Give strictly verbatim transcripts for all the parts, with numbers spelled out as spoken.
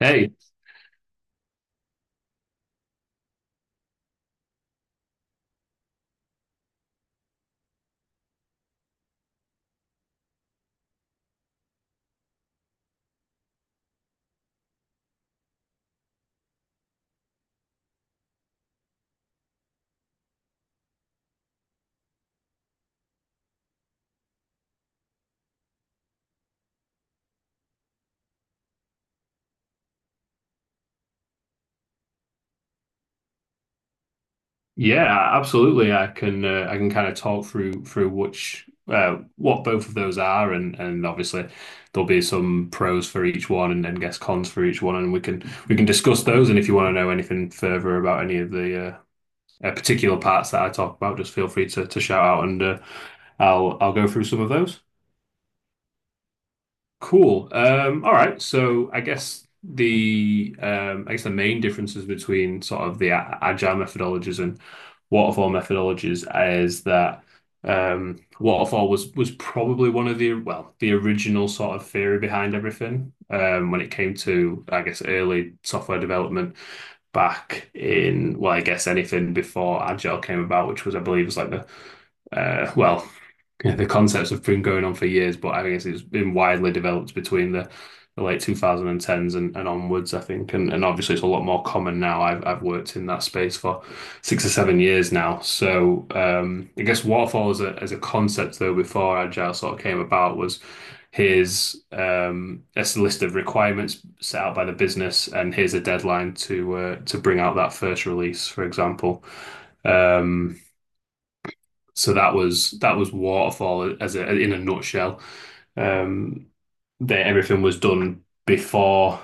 Hey, yeah, absolutely. I can uh, I can kind of talk through through which uh, what both of those are, and and obviously there'll be some pros for each one, and then guess cons for each one, and we can we can discuss those. And if you want to know anything further about any of the uh, uh, particular parts that I talk about, just feel free to to shout out, and uh, I'll I'll go through some of those. Cool. Um, all right. So I guess the um, I guess the main differences between sort of the a- agile methodologies and waterfall methodologies is that um, waterfall was was probably one of the well the original sort of theory behind everything um, when it came to I guess early software development back in well I guess anything before agile came about, which was I believe was like the uh, well. Yeah, the concepts have been going on for years, but I guess it's been widely developed between the, the late twenty tens and, and onwards, I think. And, and obviously, it's a lot more common now. I've, I've worked in that space for six or seven years now. So um, I guess waterfall as a, as a concept, though, before Agile sort of came about, was here's um, a list of requirements set out by the business, and here's a deadline to uh, to bring out that first release, for example. Um, so that was that was Waterfall as a, in a nutshell. Um, they, Everything was done before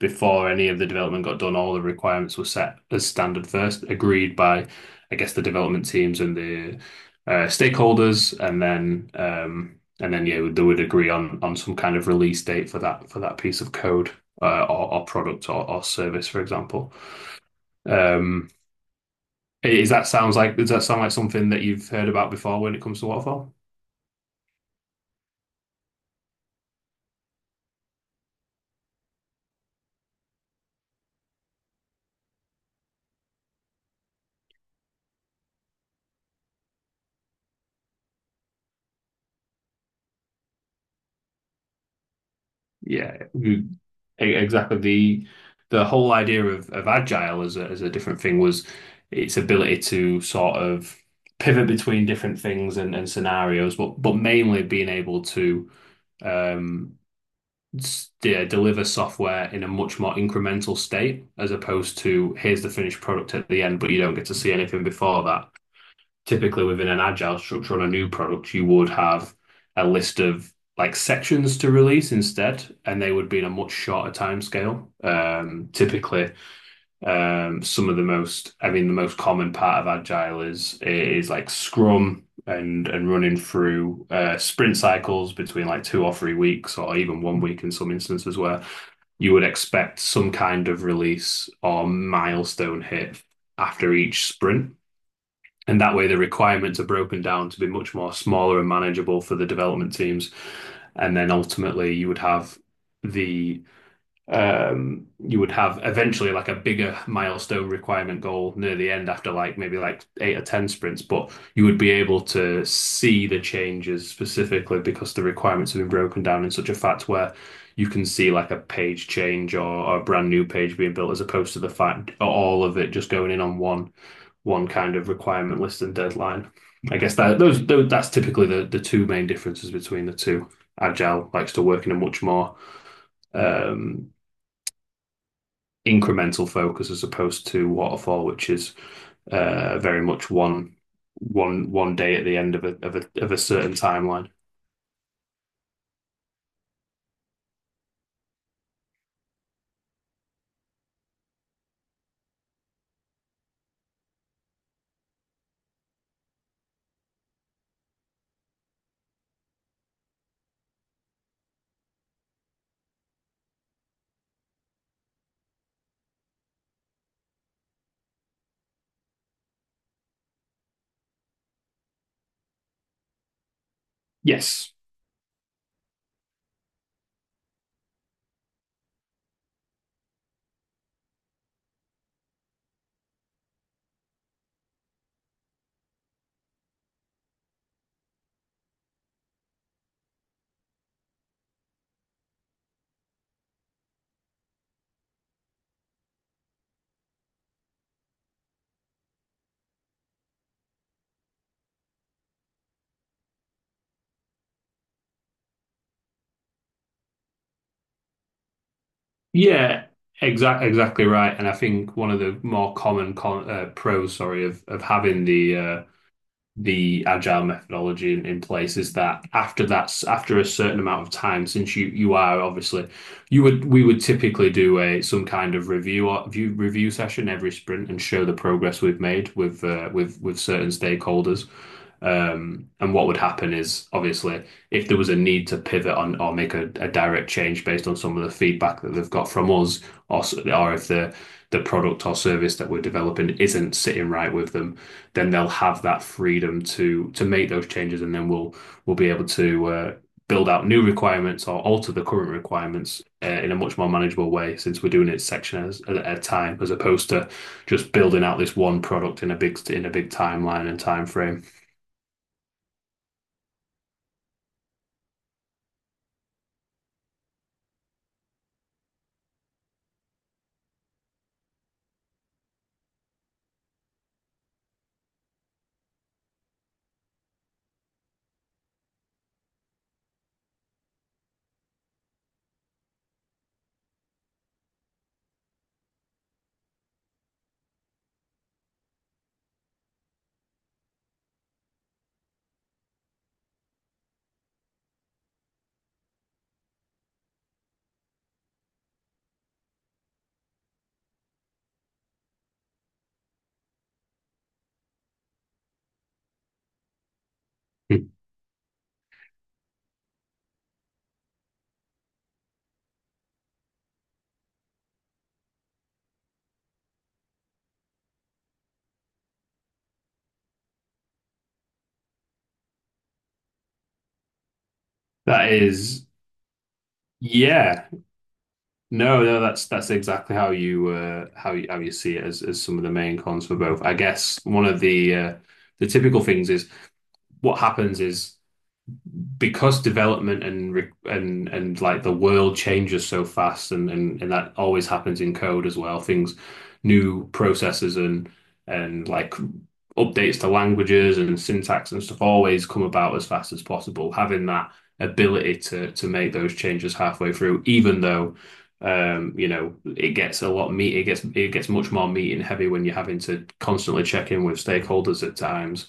before any of the development got done. All the requirements were set as standard first, agreed by, I guess, the development teams and the uh, stakeholders, and then um, and then yeah, they would agree on on some kind of release date for that for that piece of code uh, or, or product or, or service, for example. Um, is that sounds like Does that sound like something that you've heard about before when it comes to waterfall? Yeah, you- e- exactly. The the whole idea of, of agile as a, as a different thing was its ability to sort of pivot between different things and, and scenarios, but but mainly being able to um, s- de- deliver software in a much more incremental state as opposed to here's the finished product at the end, but you don't get to see anything before that. Typically within an agile structure on a new product, you would have a list of like sections to release instead, and they would be in a much shorter timescale. Um, typically, um, some of the most, I mean, the most common part of agile is is like Scrum and and running through uh, sprint cycles between like two or three weeks, or even one week in some instances where you would expect some kind of release or milestone hit after each sprint. And that way, the requirements are broken down to be much more smaller and manageable for the development teams. And then ultimately, you would have the um, you would have eventually like a bigger milestone requirement goal near the end after like maybe like eight or ten sprints, but you would be able to see the changes specifically because the requirements have been broken down in such a fact where you can see like a page change or, or a brand new page being built as opposed to the fact all of it just going in on one one kind of requirement list and deadline. I guess that those, those that's typically the the two main differences between the two. Agile likes to work in a much more um, incremental focus as opposed to waterfall, which is uh, very much one one one day at the end of a of a of a certain timeline. Yes. Yeah. Exactly, exactly right. And I think one of the more common con uh, pros, sorry, of of having the uh, the agile methodology in, in place is that after that's after a certain amount of time since you you are obviously you would we would typically do a some kind of review or view, review session every sprint and show the progress we've made with uh, with with certain stakeholders, um, and what would happen is obviously if there was a need to pivot on or make a, a direct change based on some of the feedback that they've got from us or, or if the the product or service that we're developing isn't sitting right with them, then they'll have that freedom to to make those changes, and then we'll we'll be able to uh, build out new requirements or alter the current requirements uh, in a much more manageable way, since we're doing it section as, at a time, as opposed to just building out this one product in a big in a big timeline and time frame. That is, yeah, no, No, that's that's exactly how you uh, how you how you see it as as some of the main cons for both. I guess one of the uh, the typical things is what happens is because development and and and like the world changes so fast and and, and, that always happens in code as well, things, new processes and and like updates to languages and syntax and stuff always come about as fast as possible. Having that ability to to make those changes halfway through, even though um, you know, it gets a lot meat, it gets it gets much more meat and heavy when you're having to constantly check in with stakeholders at times.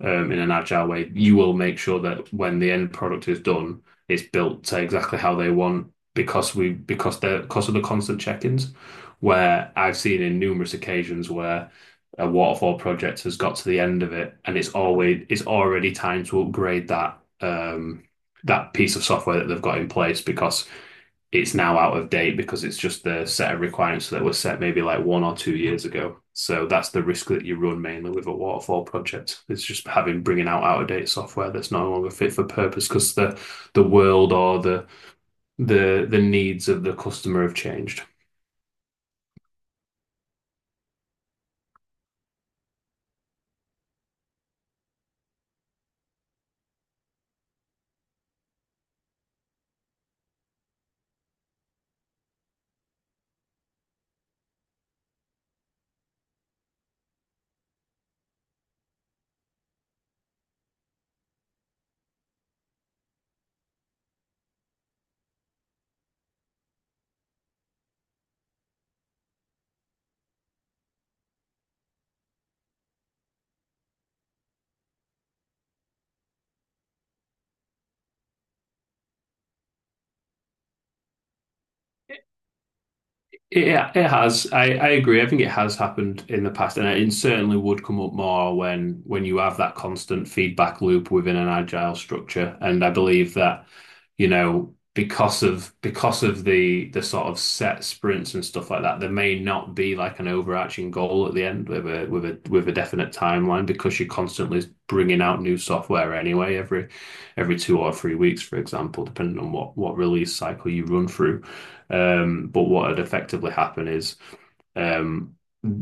Um, in an agile way, you will make sure that when the end product is done, it's built to exactly how they want because we because the because of the constant check-ins. Where I've seen in numerous occasions where a waterfall project has got to the end of it and it's always it's already time to upgrade that um that piece of software that they've got in place because it's now out of date because it's just the set of requirements that were set maybe like one or two years ago. So that's the risk that you run mainly with a waterfall project. It's just having bringing out out of date software that's no longer fit for purpose because the the world or the the the needs of the customer have changed. It, it has. I, I agree. I think it has happened in the past, and it certainly would come up more when when you have that constant feedback loop within an agile structure. And I believe that, you know, because of because of the the sort of set sprints and stuff like that, there may not be like an overarching goal at the end with a with a with a definite timeline because you're constantly bringing out new software anyway every every two or three weeks, for example, depending on what what release cycle you run through. Um, but what had effectively happened is um,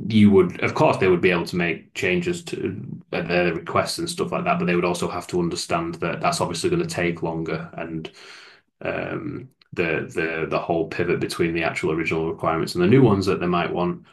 you would, of course, they would be able to make changes to their requests and stuff like that, but they would also have to understand that that's obviously going to take longer and, um, the the the whole pivot between the actual original requirements and the new ones that they might want,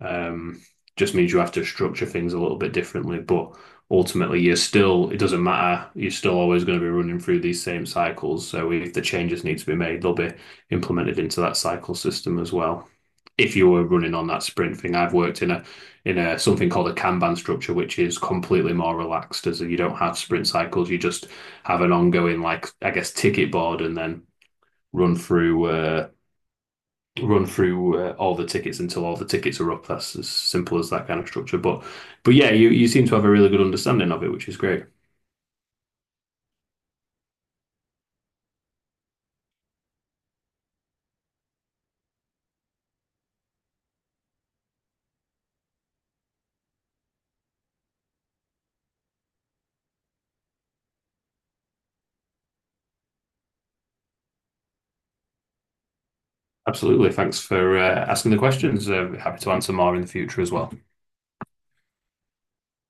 um, just means you have to structure things a little bit differently. But ultimately, you're still, it doesn't matter. You're still always going to be running through these same cycles. So if the changes need to be made, they'll be implemented into that cycle system as well. If you were running on that sprint thing, I've worked in a in a something called a Kanban structure, which is completely more relaxed, as you don't have sprint cycles. You just have an ongoing, like I guess, ticket board, and then run through uh, run through uh, all the tickets until all the tickets are up. That's as simple as that kind of structure. But but yeah, you you seem to have a really good understanding of it, which is great. Absolutely. Thanks for uh, asking the questions. Uh, happy to answer more in the future as well.